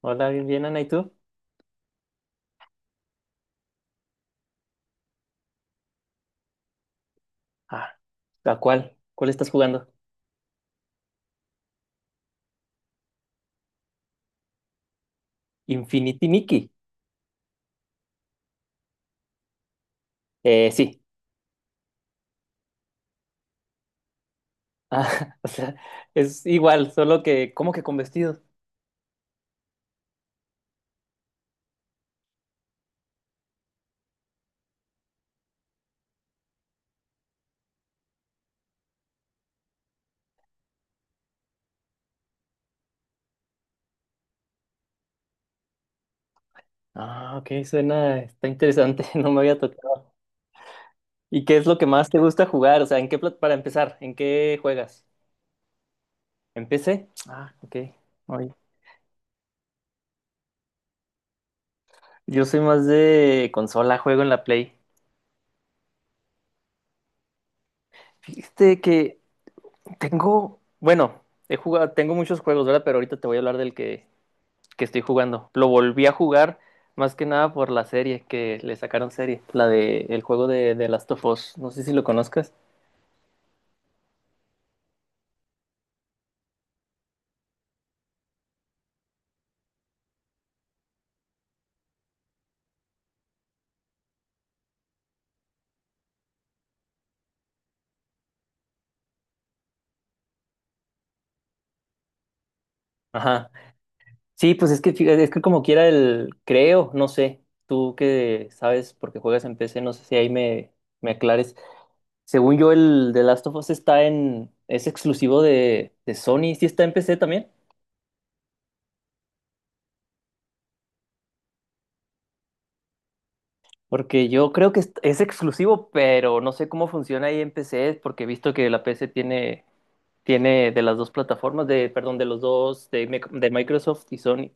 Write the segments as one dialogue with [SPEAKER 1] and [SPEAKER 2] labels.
[SPEAKER 1] Hola, bien, bien, Ana, ¿y tú? Ah, ¿a cuál? ¿Cuál estás jugando? Infinity Nikki. Sí. Ah, o sea, es igual, solo que, ¿cómo que con vestidos? Ah, ok, suena, está interesante, no me había tocado. ¿Y qué es lo que más te gusta jugar? O sea, ¿en qué, para empezar, ¿en qué juegas? ¿En PC? Ah, ok. Oye, yo soy más de consola, juego en la Play. Fíjate que tengo, bueno, he jugado, tengo muchos juegos, ¿verdad? Pero ahorita te voy a hablar que estoy jugando. Lo volví a jugar más que nada por la serie que le sacaron serie, la de el juego de Last of Us. No sé si lo conozcas. Ajá. Sí, pues es que fíjate, es que como quiera el creo, no sé. Tú que sabes porque juegas en PC, no sé si ahí me aclares. Según yo, el de Last of Us es exclusivo de Sony, sí está en PC también. Porque yo creo que es exclusivo, pero no sé cómo funciona ahí en PC, porque he visto que la PC tiene de las dos plataformas, perdón, de los dos, de Microsoft y Sony.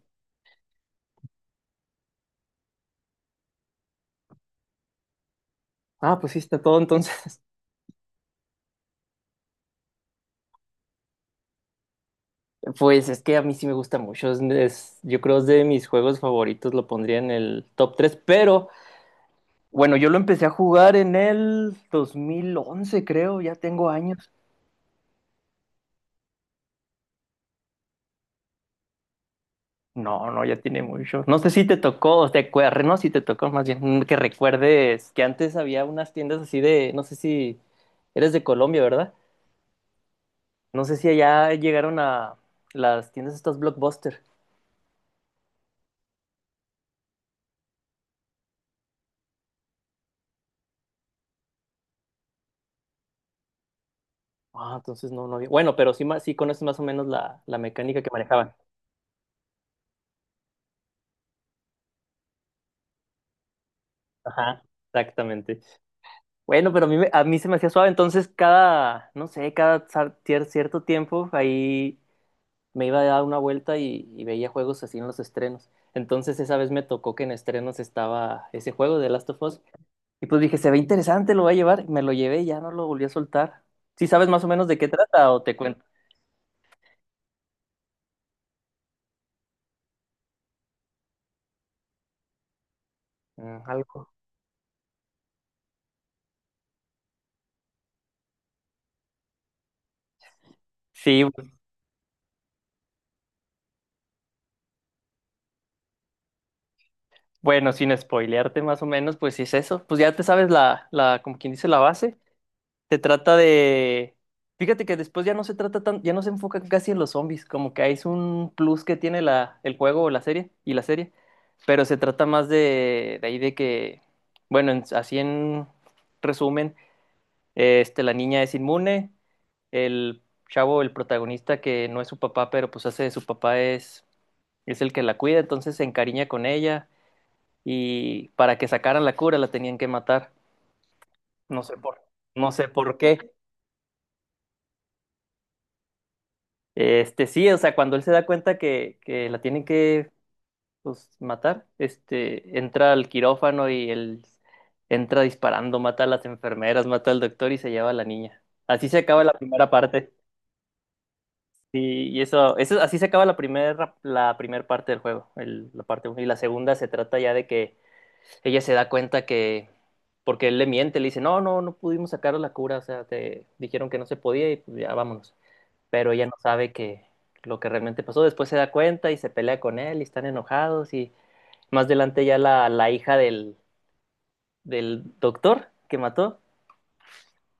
[SPEAKER 1] Ah, pues sí, está todo entonces. Pues es que a mí sí me gusta mucho. Yo creo es de mis juegos favoritos, lo pondría en el top tres, pero bueno, yo lo empecé a jugar en el 2011, creo, ya tengo años. No, no, ya tiene mucho. No sé si te tocó, o no, si te tocó más bien, que recuerdes que antes había unas tiendas así de, no sé si eres de Colombia, ¿verdad? No sé si allá llegaron a las tiendas estas Blockbuster. Ah, entonces no, no había. Bueno, pero sí, sí conoces más o menos la mecánica que manejaban. Ajá, exactamente. Bueno, pero a mí se me hacía suave, entonces cada, no sé, cada cierto tiempo ahí me iba a dar una vuelta y veía juegos así en los estrenos. Entonces esa vez me tocó que en estrenos estaba ese juego de Last of Us. Y pues dije, se ve interesante, lo voy a llevar. Me lo llevé y ya no lo volví a soltar. ¿Sí sabes más o menos de qué trata o te cuento? Mm, algo. Sí, bueno, sin spoilearte más o menos, pues sí es eso. Pues ya te sabes como quien dice, la base. Se trata de. Fíjate que después ya no se trata tan, ya no se enfoca casi en los zombies, como que ahí es un plus que tiene el juego o la serie, y la serie. Pero se trata más de ahí de que, bueno, así en resumen, la niña es inmune, el chavo, el protagonista que no es su papá, pero pues hace de su papá es el que la cuida, entonces se encariña con ella y para que sacaran la cura la tenían que matar. No sé por, no sé por qué. Este, sí, o sea, cuando él se da cuenta que la tienen que pues, matar, este, entra al quirófano y él entra disparando, mata a las enfermeras, mata al doctor y se lleva a la niña. Así se acaba la primera parte. Sí, y eso así se acaba la primer parte del juego, la parte uno. Y la segunda se trata ya de que ella se da cuenta que, porque él le miente, le dice, no, no, no pudimos sacar la cura, o sea, te dijeron que no se podía y pues ya vámonos. Pero ella no sabe que lo que realmente pasó. Después se da cuenta y se pelea con él y están enojados y más adelante ya la hija del doctor que mató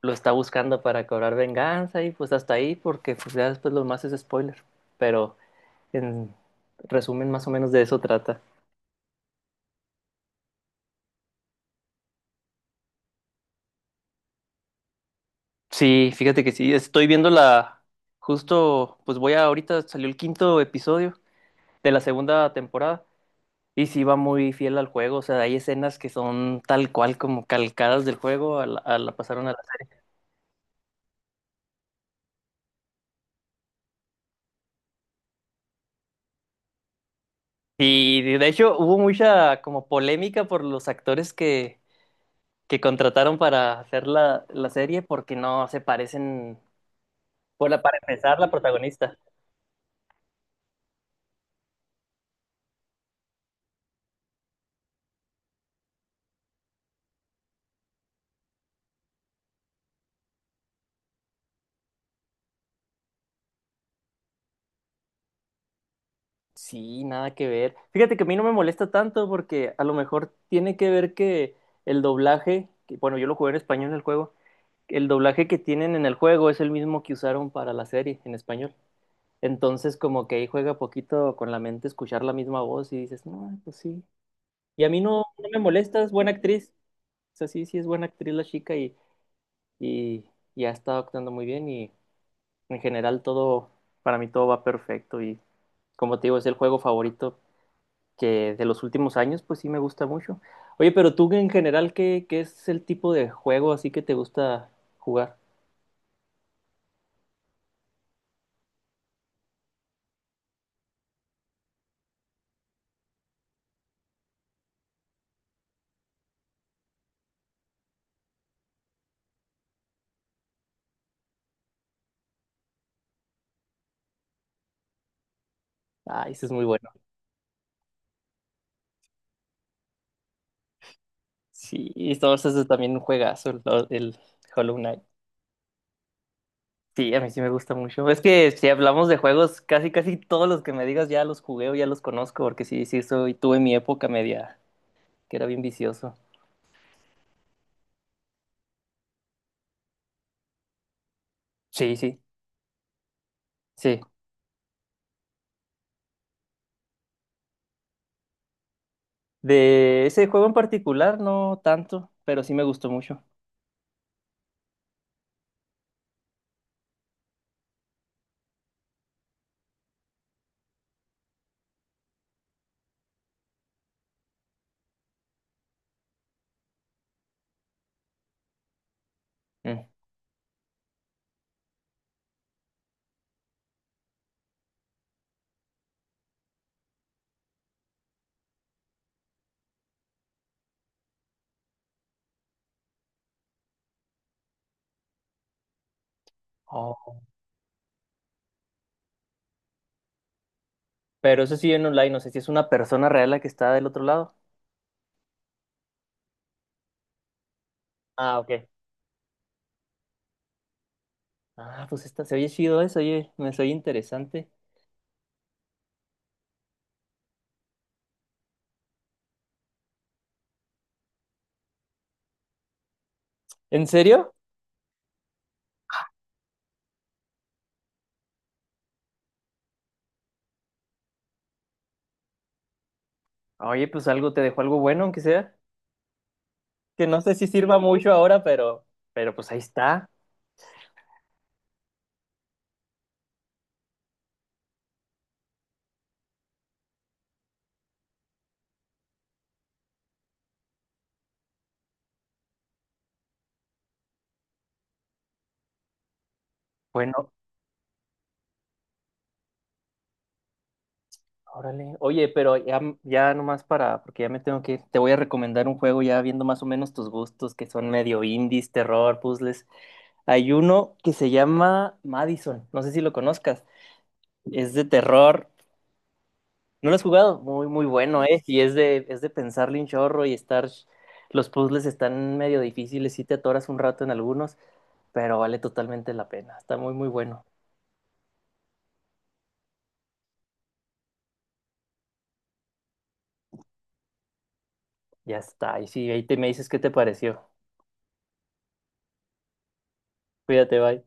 [SPEAKER 1] lo está buscando para cobrar venganza y pues hasta ahí porque pues ya después lo más es spoiler. Pero... en resumen, más o menos de eso trata. Sí, fíjate que sí, estoy viendo la... Justo, pues voy a... Ahorita salió el quinto episodio de la segunda temporada y sí va muy fiel al juego, o sea, hay escenas que son tal cual como calcadas del juego, a a la pasaron a la serie. Y de hecho hubo mucha como polémica por los actores que contrataron para hacer la serie porque no se parecen, por para empezar, la protagonista. Sí, nada que ver. Fíjate que a mí no me molesta tanto porque a lo mejor tiene que ver que el doblaje, que, bueno, yo lo jugué en español en el juego, el doblaje que tienen en el juego es el mismo que usaron para la serie en español. Entonces como que ahí juega poquito con la mente escuchar la misma voz y dices, no, pues sí. Y a mí no, no me molesta, es buena actriz. O sea, sí, sí es buena actriz la chica y, y ha estado actuando muy bien y en general todo, para mí todo va perfecto y como te digo, es el juego favorito que de los últimos años, pues sí me gusta mucho. Oye, pero tú en general, ¿qué, qué es el tipo de juego así que te gusta jugar? Ah, ese es muy bueno. Sí, y Star Wars es también un juegazo, el Hollow Knight. Sí, a mí sí me gusta mucho. Es que si hablamos de juegos, casi casi todos los que me digas ya los jugué o ya los conozco, porque sí, sí, soy, tuve mi época media, que era bien vicioso. Sí, sí, sí. De ese juego en particular, no tanto, pero sí me gustó mucho. Mm. Pero eso sí en online, no sé si es una persona real la que está del otro lado. Ah, ok. Ah, pues está, se oye chido eso, oye, me soy interesante. ¿En serio? Oye, pues algo te dejó algo bueno, aunque sea, que no sé si sirva mucho ahora, pero pues ahí está. Bueno, órale. Oye, pero ya, ya nomás para, porque ya me tengo que ir, te voy a recomendar un juego ya viendo más o menos tus gustos, que son medio indies, terror, puzzles. Hay uno que se llama Madison, no sé si lo conozcas, es de terror. ¿No lo has jugado? Muy, muy bueno, ¿eh? Y es de pensarle un chorro y estar... Los puzzles están medio difíciles, sí te atoras un rato en algunos, pero vale totalmente la pena. Está muy, muy bueno. Ya está. Y sí, ahí te me dices qué te pareció. Cuídate, bye.